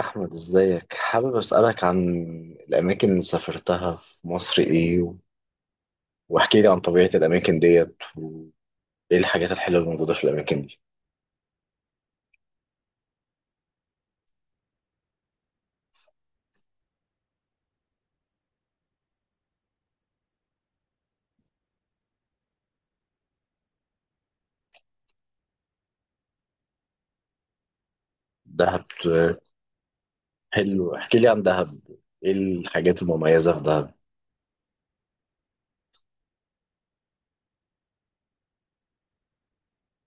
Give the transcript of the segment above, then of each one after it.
أحمد، إزيك؟ حابب أسألك عن الأماكن اللي سافرتها في مصر إيه، واحكي لي عن طبيعة الأماكن ديت وإيه الحاجات الحلوة اللي موجودة في الأماكن دي. دهب، آه. حلو، احكي لي عن دهب، إيه الحاجات المميزة في دهب؟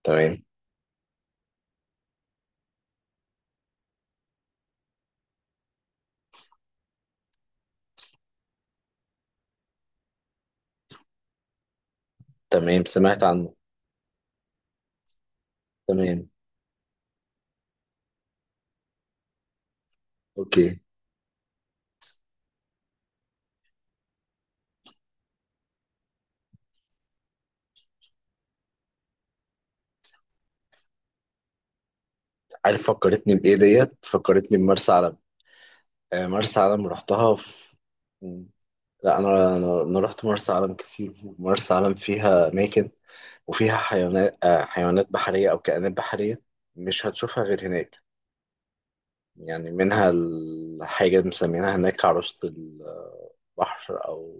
تمام. تمام، سمعت عنه. تمام. أوكي. عارف فكرتني بإيه ديت؟ فكرتني بمرسى علم. آه، مرسى علم رحتها في... لا، أنا رحت مرسى علم كتير. مرسى علم فيها أماكن، وفيها حيوانات، حيوانات بحرية أو كائنات بحرية مش هتشوفها غير هناك. يعني منها الحاجة اللي مسمينها هناك عروسة البحر، أو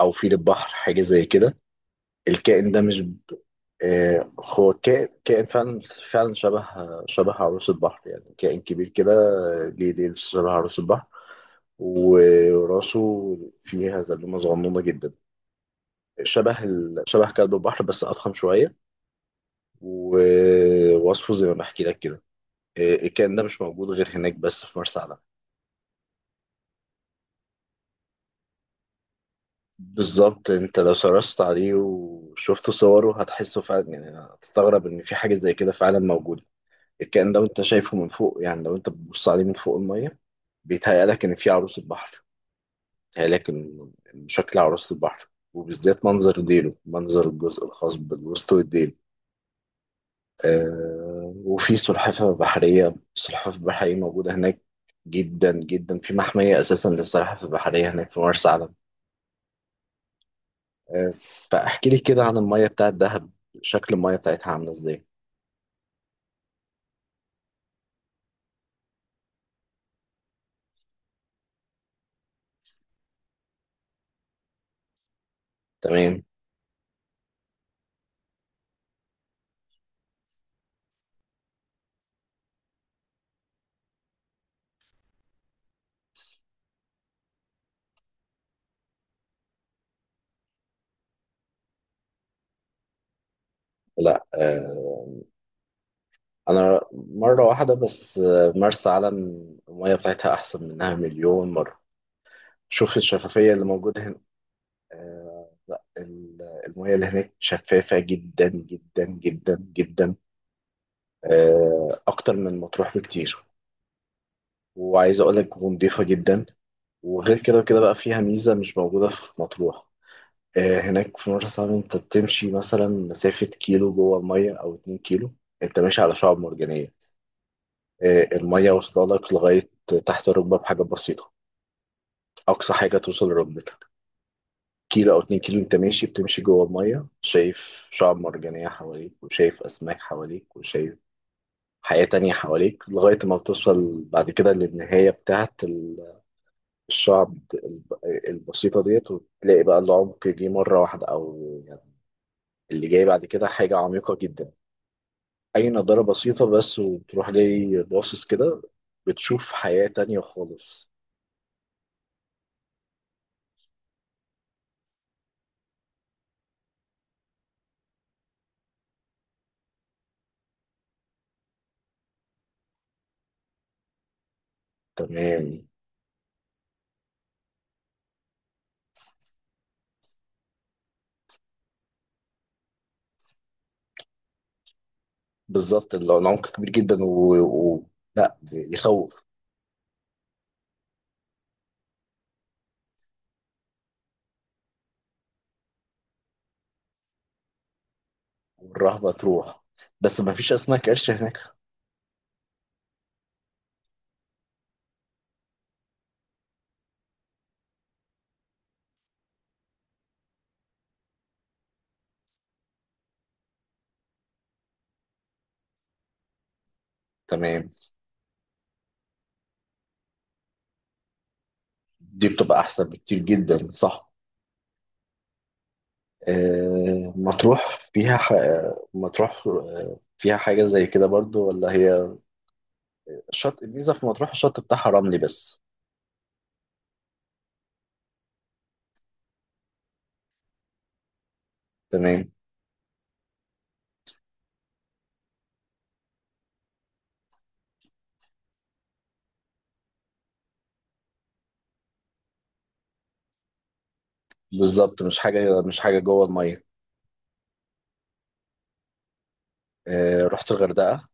أو فيل البحر، حاجة زي كده. الكائن ده مش... آه، هو كائن فعلا، فعلا شبه عروس البحر، يعني كائن كبير كده، ليه ديل شبه عروس البحر، وراسه فيها زلومة صغنونة جدا، شبه كلب البحر بس أضخم شوية. ووصفه زي ما بحكي لك كده. الكائن ده مش موجود غير هناك بس في مرسى علم. بالظبط، انت لو سرشت عليه وشفت صوره هتحسه فعلا، يعني هتستغرب ان في حاجه زي كده فعلا موجوده. الكائن ده وانت شايفه من فوق، يعني لو انت بتبص عليه من فوق الميه، بيتهيألك ان في عروس البحر، بيتهيألك إن شكل عروس البحر، وبالذات منظر ديله، منظر الجزء الخاص بالوسط والديل. وفي سلحفاه بحريه، السلحفاه البحريه موجوده هناك جدا جدا، في محميه اساسا للسلحفاه البحريه هناك في مرسى علم. فاحكي لي كده عن المية بتاعت دهب، شكل المية بتاعتها عاملة ازاي؟ تمام. لا آه، انا مرة واحدة بس. مرسى علم المية بتاعتها احسن منها مليون مرة، شوف الشفافية اللي موجودة هنا. آه، لا ال- المية اللي هناك شفافة جدا جدا جدا جدا. اكتر من مطروح بكتير، وعايز اقول لك نضيفة جدا. وغير كده وكده بقى فيها ميزة مش موجودة في مطروح. هناك في مرسى علم انت بتمشي مثلا مسافة كيلو جوه المية او اتنين كيلو، انت ماشي على شعاب مرجانية. المية واصلة لك لغاية تحت الركبة بحاجة بسيطة، اقصى حاجة توصل لركبتك. كيلو او اتنين كيلو انت ماشي، بتمشي جوه المية شايف شعاب مرجانية حواليك، وشايف اسماك حواليك، وشايف حياة تانية حواليك، لغاية ما بتوصل بعد كده للنهاية بتاعت الشعب البسيطة ديت، وتلاقي بقى العمق جه مرة واحدة، أو يعني اللي جاي بعد كده حاجة عميقة جدا. اي نضاره بسيطه بس وتروح جاي باصص كده، بتشوف حياه تانية خالص. تمام. بالظبط، العمق كبير جدا و... لا، يخوف. والرهبه تروح. بس ما فيش اسماك قرش هناك؟ تمام. دي بتبقى احسن بكتير جدا، صح. آه... مطروح فيها ح... مطروح فيها حاجه زي كده برضو ولا هي الشط؟ الميزه في مطروح الشط بتاعها رملي بس. تمام. بالظبط، مش حاجه، مش حاجه جوه الميه. رحت الغردقه؟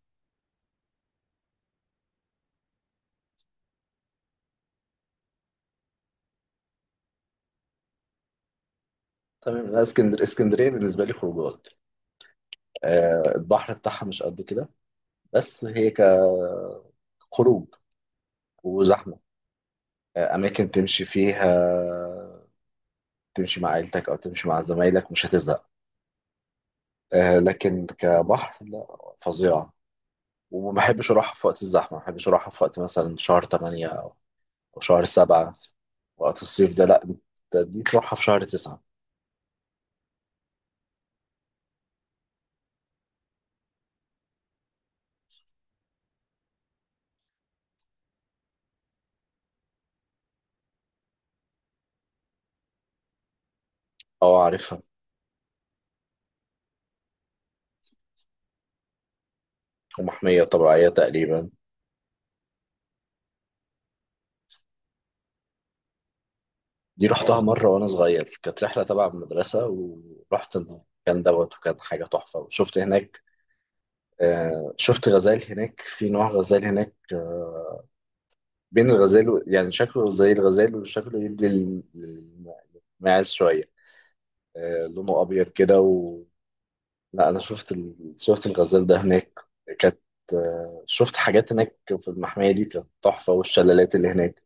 تمام. لا، اسكندر اسكندريه بالنسبه لي خروجات. البحر بتاعها مش قد كده. بس هي كخروج. وزحمه. اماكن تمشي فيها، تمشي مع عيلتك او تمشي مع زمايلك، مش هتزهق. لكن كبحر لا، فظيعه. وما بحبش اروحها في وقت الزحمه، ما بحبش اروحها في وقت مثلا شهر 8 او أو شهر 7. وقت الصيف ده لا، أنت دي تروحها في شهر 9. اه عارفها. ومحميه طبيعيه تقريبا. دي رحتها مرة وأنا صغير، كانت رحلة تبع المدرسة، ورحت المكان دوت وكان حاجة تحفة. وشفت هناك شفت غزال هناك، في نوع غزال هناك، بين الغزال يعني شكله زي الغزال، وشكله يدي للماعز شوية. لونه أبيض كده. و... لا، أنا شفت... ال... شفت الغزال ده هناك. كانت... شفت حاجات هناك في المحمية دي كانت تحفة، والشلالات اللي هناك.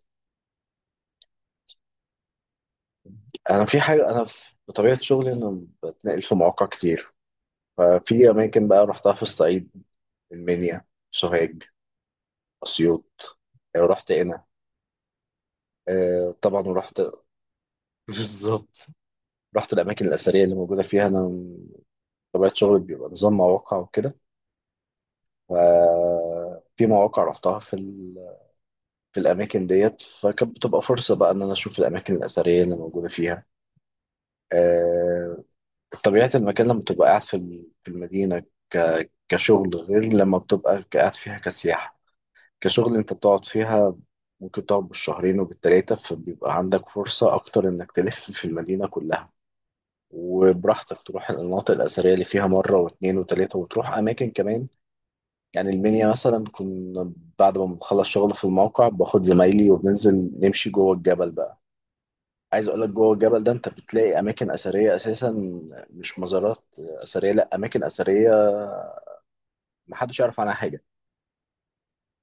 أنا في حاجة أنا في- بطبيعة شغلي أنا بتنقل في مواقع كتير، ففي أماكن بقى رحتها في الصعيد: المنيا، سوهاج، أسيوط. رحت هنا، طبعا رحت. بالظبط. رحت الأماكن الأثرية اللي موجودة فيها. أنا طبيعة شغلي بيبقى نظام مواقع وكده، ففي مواقع رحتها في الأماكن ديت، فكانت بتبقى فرصة بقى إن أنا أشوف الأماكن الأثرية اللي موجودة فيها. آه، طبيعة المكان لما بتبقى قاعد في المدينة كشغل، غير لما بتبقى قاعد فيها كسياحة. كشغل انت بتقعد فيها ممكن تقعد بالشهرين وبالتلاتة، فبيبقى عندك فرصة أكتر إنك تلف في المدينة كلها، وبراحتك تروح المناطق الأثرية اللي فيها مرة واتنين وتلاتة، وتروح أماكن كمان. يعني المنيا مثلا، كنا بعد ما بنخلص شغل في الموقع باخد زمايلي وبننزل نمشي جوه الجبل بقى. عايز أقولك جوه الجبل ده أنت بتلاقي أماكن أثرية أساسا، مش مزارات أثرية لأ، أماكن أثرية محدش يعرف عنها حاجة.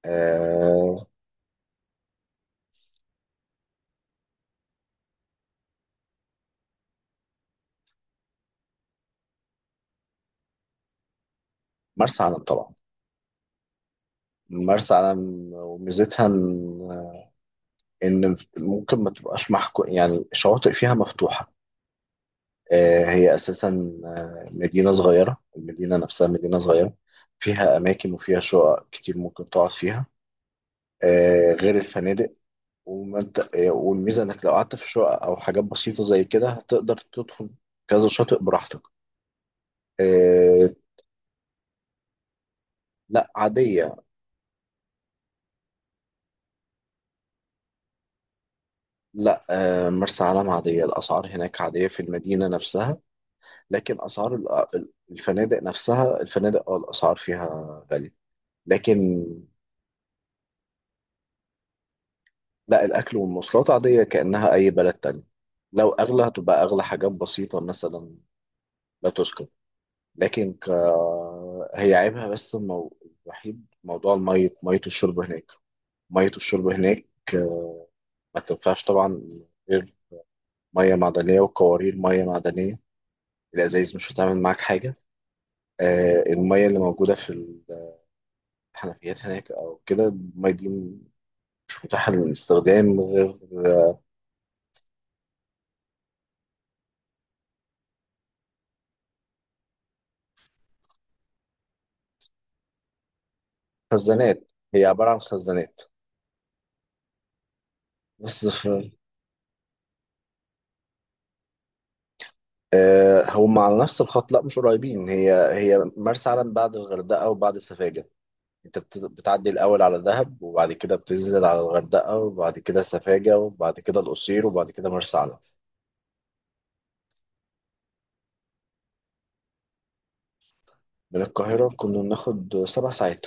آه، مرسى علم طبعا. مرسى علم وميزتها ان ممكن ما تبقاش محكو، يعني الشواطئ فيها مفتوحة. آه، هي أساسا آه، مدينة صغيرة، المدينة نفسها مدينة صغيرة، فيها أماكن وفيها شقق كتير ممكن تقعد فيها غير الفنادق. وما انت- آه، والميزة إنك لو قعدت في شقق أو حاجات بسيطة زي كده، هتقدر تدخل كذا شاطئ براحتك. آه، لا عادية. لا، مرسى علم عادية، الأسعار هناك عادية في المدينة نفسها، لكن اسعار الفنادق نفسها، الفنادق اه الاسعار فيها غاليه. لكن... لا الاكل والمواصلات عاديه كانها اي بلد تاني، لو اغلى هتبقى اغلى حاجات بسيطه مثلا، لا تذكر. لكن ك... هي عيبها الوحيد موضوع المية، مية الشرب هناك. مية الشرب هناك ما تنفعش طبعا غير مية معدنية، وقوارير مية معدنية. الأزايز مش هتعمل معاك حاجة. آه المية اللي موجودة في الحنفيات هناك أو كده، المية دي مش متاحة للاستخدام غير... خزانات، هي عبارة عن خزانات. بس ف... آه، هم على نفس الخط. لا مش قريبين، هي هي مرسى علم بعد الغردقة وبعد سفاجة. انت بتعدي الأول على دهب، وبعد كده بتنزل على الغردقة، وبعد كده سفاجة، وبعد كده القصير، وبعد كده مرسى علم. من القاهرة كنا بناخد سبع ساعات،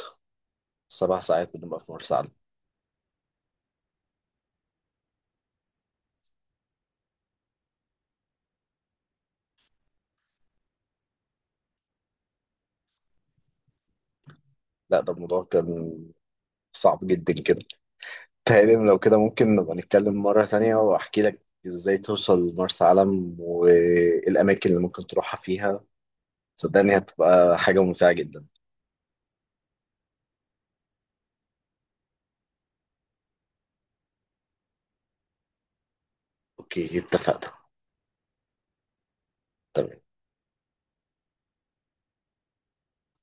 سبع ساعات كنا بنبقى في مرسى علم. لا ده الموضوع كان صعب جدا كده. تهيألي لو كده ممكن نبقى نتكلم مرة تانية، وأحكي لك إزاي توصل مرسى علم والأماكن اللي ممكن تروحها فيها، صدقني هتبقى حاجة ممتعة جدا. أوكي اتفقنا. تمام.